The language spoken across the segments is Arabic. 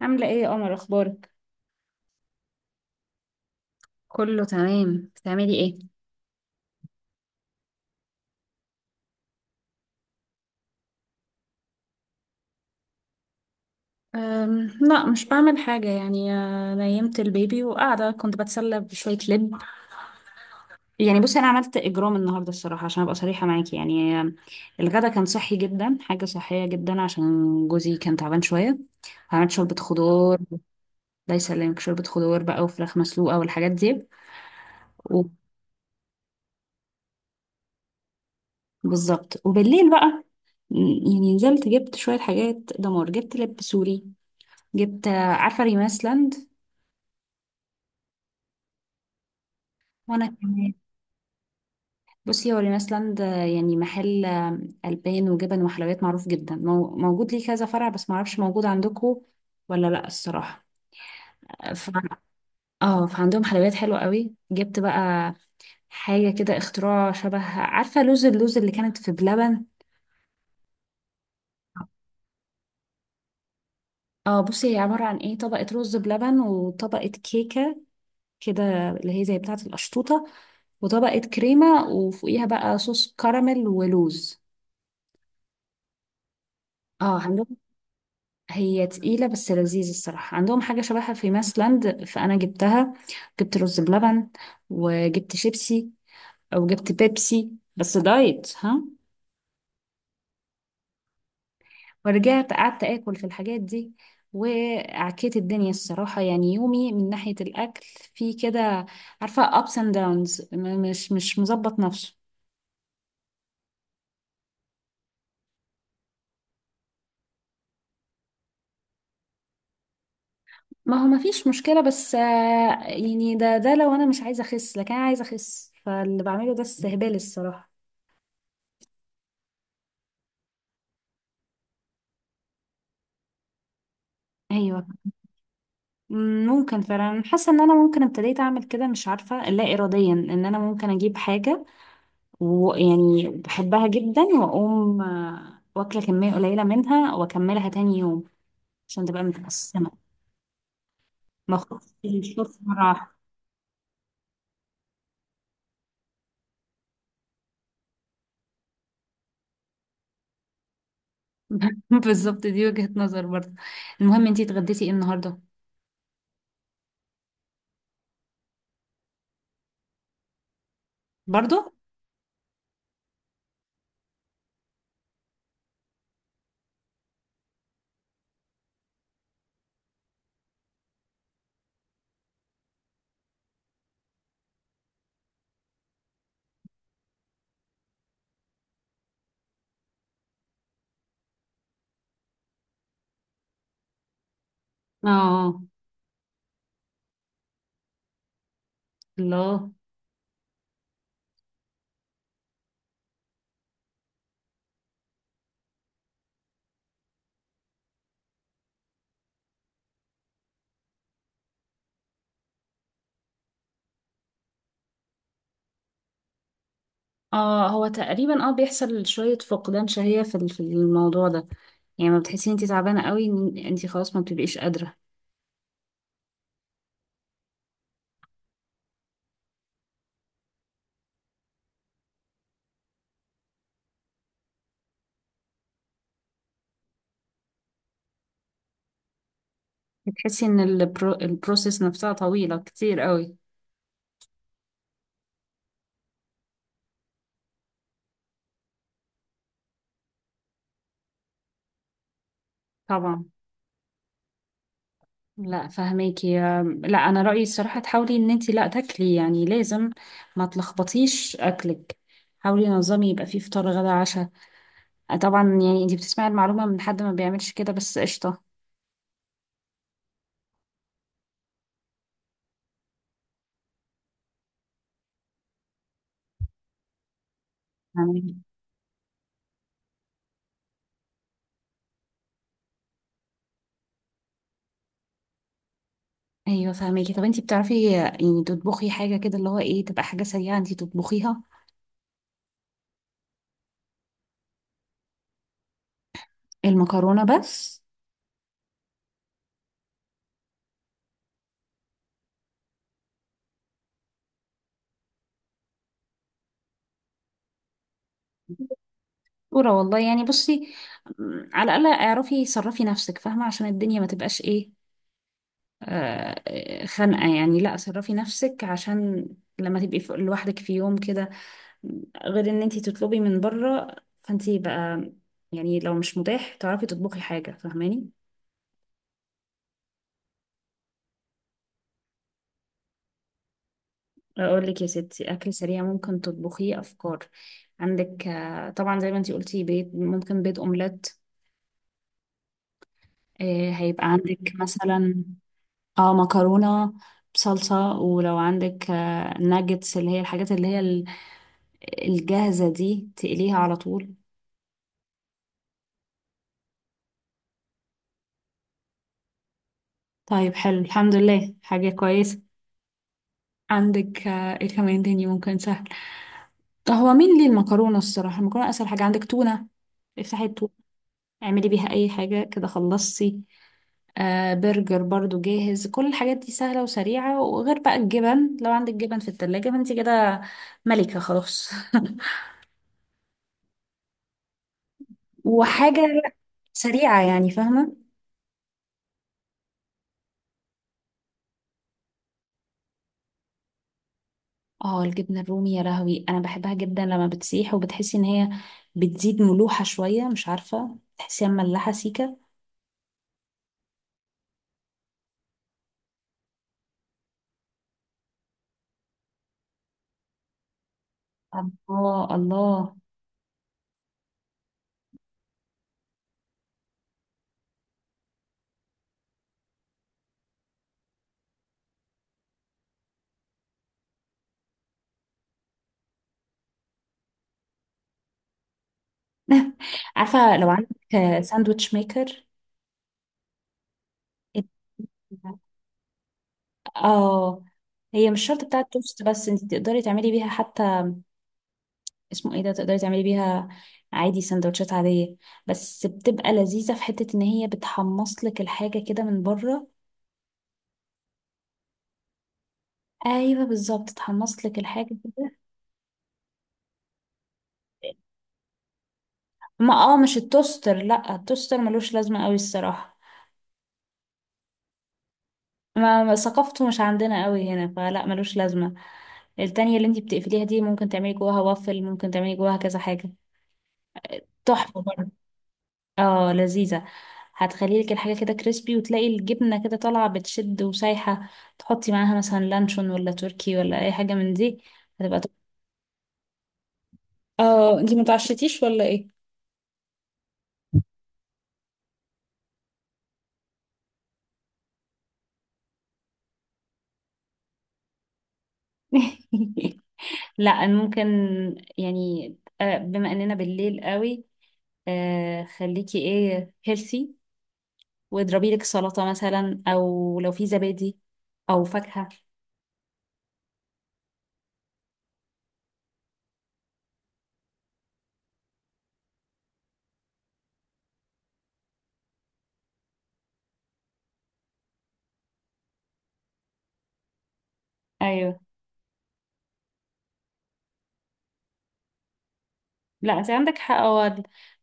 عاملة ايه يا قمر، اخبارك؟ كله تمام، بتعملي ايه؟ لا، مش بعمل حاجة يعني. نيمت البيبي وقاعدة كنت بتسلى بشوية لب. يعني بصي، أنا عملت إجرام النهاردة الصراحة عشان أبقى صريحة معاكي يعني. الغدا كان صحي جدا، حاجة صحية جدا عشان جوزي كان تعبان شوية. عملت شوربة خضار. الله يسلمك. شوربة خضار بقى وفراخ مسلوقة والحاجات دي. و- بالظبط، وبالليل بقى، م، يعني نزلت جبت شوية حاجات دمار. جبت لب سوري، جبت عارفة ريماس لاند؟ وانا كمان. بصي، هو ريناس لاند يعني محل البان وجبن وحلويات معروف جدا، موجود ليه كذا فرع، بس معرفش موجود عندكم ولا لا الصراحه. ف... اه، فعندهم حلويات حلوه قوي. جبت بقى حاجه كده اختراع، شبه عارفه اللوز اللي كانت في بلبن. اه بصي، هي عباره عن ايه، طبقه رز بلبن وطبقه كيكه كده، اللي هي زي بتاعه القشطوطه، وطبقه كريمه وفوقيها بقى صوص كراميل ولوز. اه عندهم. هي تقيلة بس لذيذة الصراحة، عندهم حاجة شبهها في ماسلاند فأنا جبتها. جبت رز بلبن، وجبت شيبسي، أو جبت بيبسي بس دايت ها. ورجعت قعدت آكل في الحاجات دي، وعكيت الدنيا الصراحة. يعني يومي من ناحية الأكل في كده، عارفة ups and downs، مش مظبط نفسه. ما هو مفيش مشكلة، بس يعني ده لو أنا مش عايزة أخس، لكن أنا عايزة أخس، فاللي بعمله ده استهبال الصراحة. أيوة. ممكن فعلا. أنا حاسه ان انا ممكن ابتديت اعمل كده، مش عارفه، لا اراديا، ان انا ممكن اجيب حاجه ويعني بحبها جدا واقوم واكله كميه قليله منها واكملها تاني يوم، عشان تبقى متقسمه، ما اخرجش الفرصه مره واحدة. بالظبط، دي وجهه نظر برضه. المهم، انتي اتغديتي ايه النهارده؟ برضه. اه. الله. اه. هو تقريبا بيحصل شويه فقدان شهيه في في الموضوع ده. يعني ما بتحسي انتي تعبانه قوي، إن انتي خلاص ما بتبقيش قادره. بتحسي ان البروسيس نفسها طويلة كتير قوي. طبعا. لا فهماكي. لا، انا رأيي الصراحة تحاولي ان انتي لا تاكلي، يعني لازم ما تلخبطيش اكلك. حاولي نظامي يبقى فيه فطار غدا عشاء. طبعا يعني انتي بتسمعي المعلومة من حد ما بيعملش كده، بس قشطة. فهماكي. ايوه فهماكي. طب انتي بتعرفي يعني تطبخي حاجة كده، اللي هو ايه، تبقى حاجة سريعة انتي تطبخيها؟ المكرونة بس. ورا والله. يعني بصي، على الأقل اعرفي صرفي نفسك، فاهمة؟ عشان الدنيا ما تبقاش ايه، خنقة يعني. لا صرفي نفسك عشان لما تبقي لوحدك في يوم كده، غير ان انتي تطلبي من بره. فانتي بقى، يعني لو مش متاح تعرفي تطبخي حاجة، فاهماني؟ اقول لك يا ستي، اكل سريع ممكن تطبخيه، افكار عندك طبعا. زي ما انتي قلتي، بيض، ممكن بيض اومليت، هيبقى عندك مثلا اه مكرونة بصلصة، ولو عندك ناجتس، اللي هي الحاجات، اللي هي الجاهزة دي تقليها على طول. طيب، حلو الحمد لله، حاجة كويسة. عندك ايه كمان تاني ممكن سهل؟ هو مين ليه، المكرونة الصراحة. المكرونة أسهل حاجة. عندك تونة، افتحي التونة، اعملي بيها أي حاجة كده، خلصتي. برجر برضو جاهز. كل الحاجات دي سهلة وسريعة، وغير بقى الجبن، لو عندك جبن في التلاجة فانت كده ملكة خلاص. وحاجة سريعة يعني، فاهمة؟ اه، الجبنة الرومي يا لهوي، انا بحبها جدا لما بتسيح وبتحسي ان هي بتزيد ملوحة شوية، مش عارفة، تحسيها مملحة سيكة. الله الله. عارفة لو عندك ساندويتش ميكر؟ اه، هي مش شرط بتاعة توست، بس انت تقدري تعملي بيها حتى، اسمه ايه ده، تقدري تعملي بيها عادي سندوتشات عادية، بس بتبقى لذيذة في حتة ان هي بتحمص لك الحاجة كده من بره. ايوه بالظبط، تحمص لك الحاجة كده. ما مش التوستر. لا، التوستر ملوش لازمة قوي الصراحة. ثقافته مش عندنا قوي هنا، فلا ملوش لازمة. التانية اللي انتي بتقفليها دي، ممكن تعملي جواها وافل، ممكن تعملي جواها كذا حاجة، تحفة برضه. اه لذيذة. هتخلي لك الحاجة كده كريسبي، وتلاقي الجبنة كده طالعة بتشد وسايحة. تحطي معاها مثلا لانشون، ولا تركي، ولا أي حاجة من دي، هتبقى تحفة. اه، انتي متعشتيش ولا ايه؟ لا ممكن. يعني بما اننا بالليل قوي، خليكي ايه، هيلثي، واضربي لك سلطة مثلا، او لو في زبادي او فاكهة. ايوه. لا انت عندك حق. هو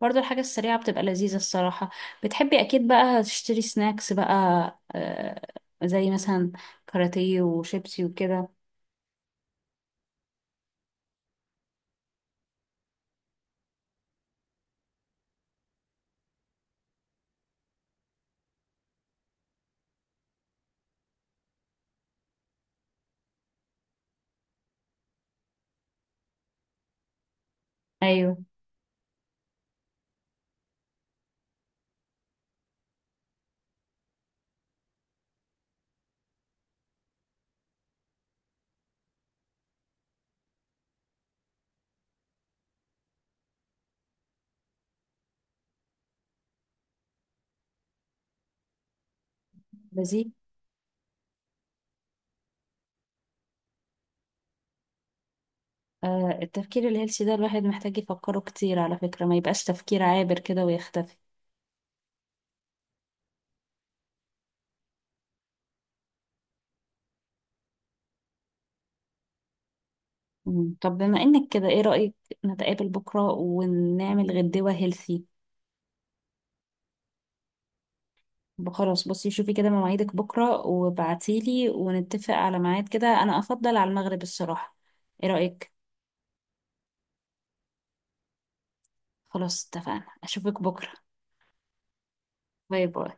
برضه الحاجة السريعة بتبقى لذيذة الصراحة. بتحبي اكيد بقى تشتري سناكس بقى، آه زي مثلا كاراتيه وشيبسي وكده. ايوه لذيذ. التفكير الهيلثي ده، الواحد محتاج يفكره كتير على فكرة، ما يبقاش تفكير عابر كده ويختفي. مم. طب بما انك كده، ايه رأيك نتقابل بكرة ونعمل غدوة هيلثي؟ خلاص بصي، شوفي كده مواعيدك بكرة وبعتيلي ونتفق على ميعاد كده، أنا أفضل على المغرب الصراحة. إيه رأيك؟ خلاص اتفقنا. أشوفك بكرة. باي باي.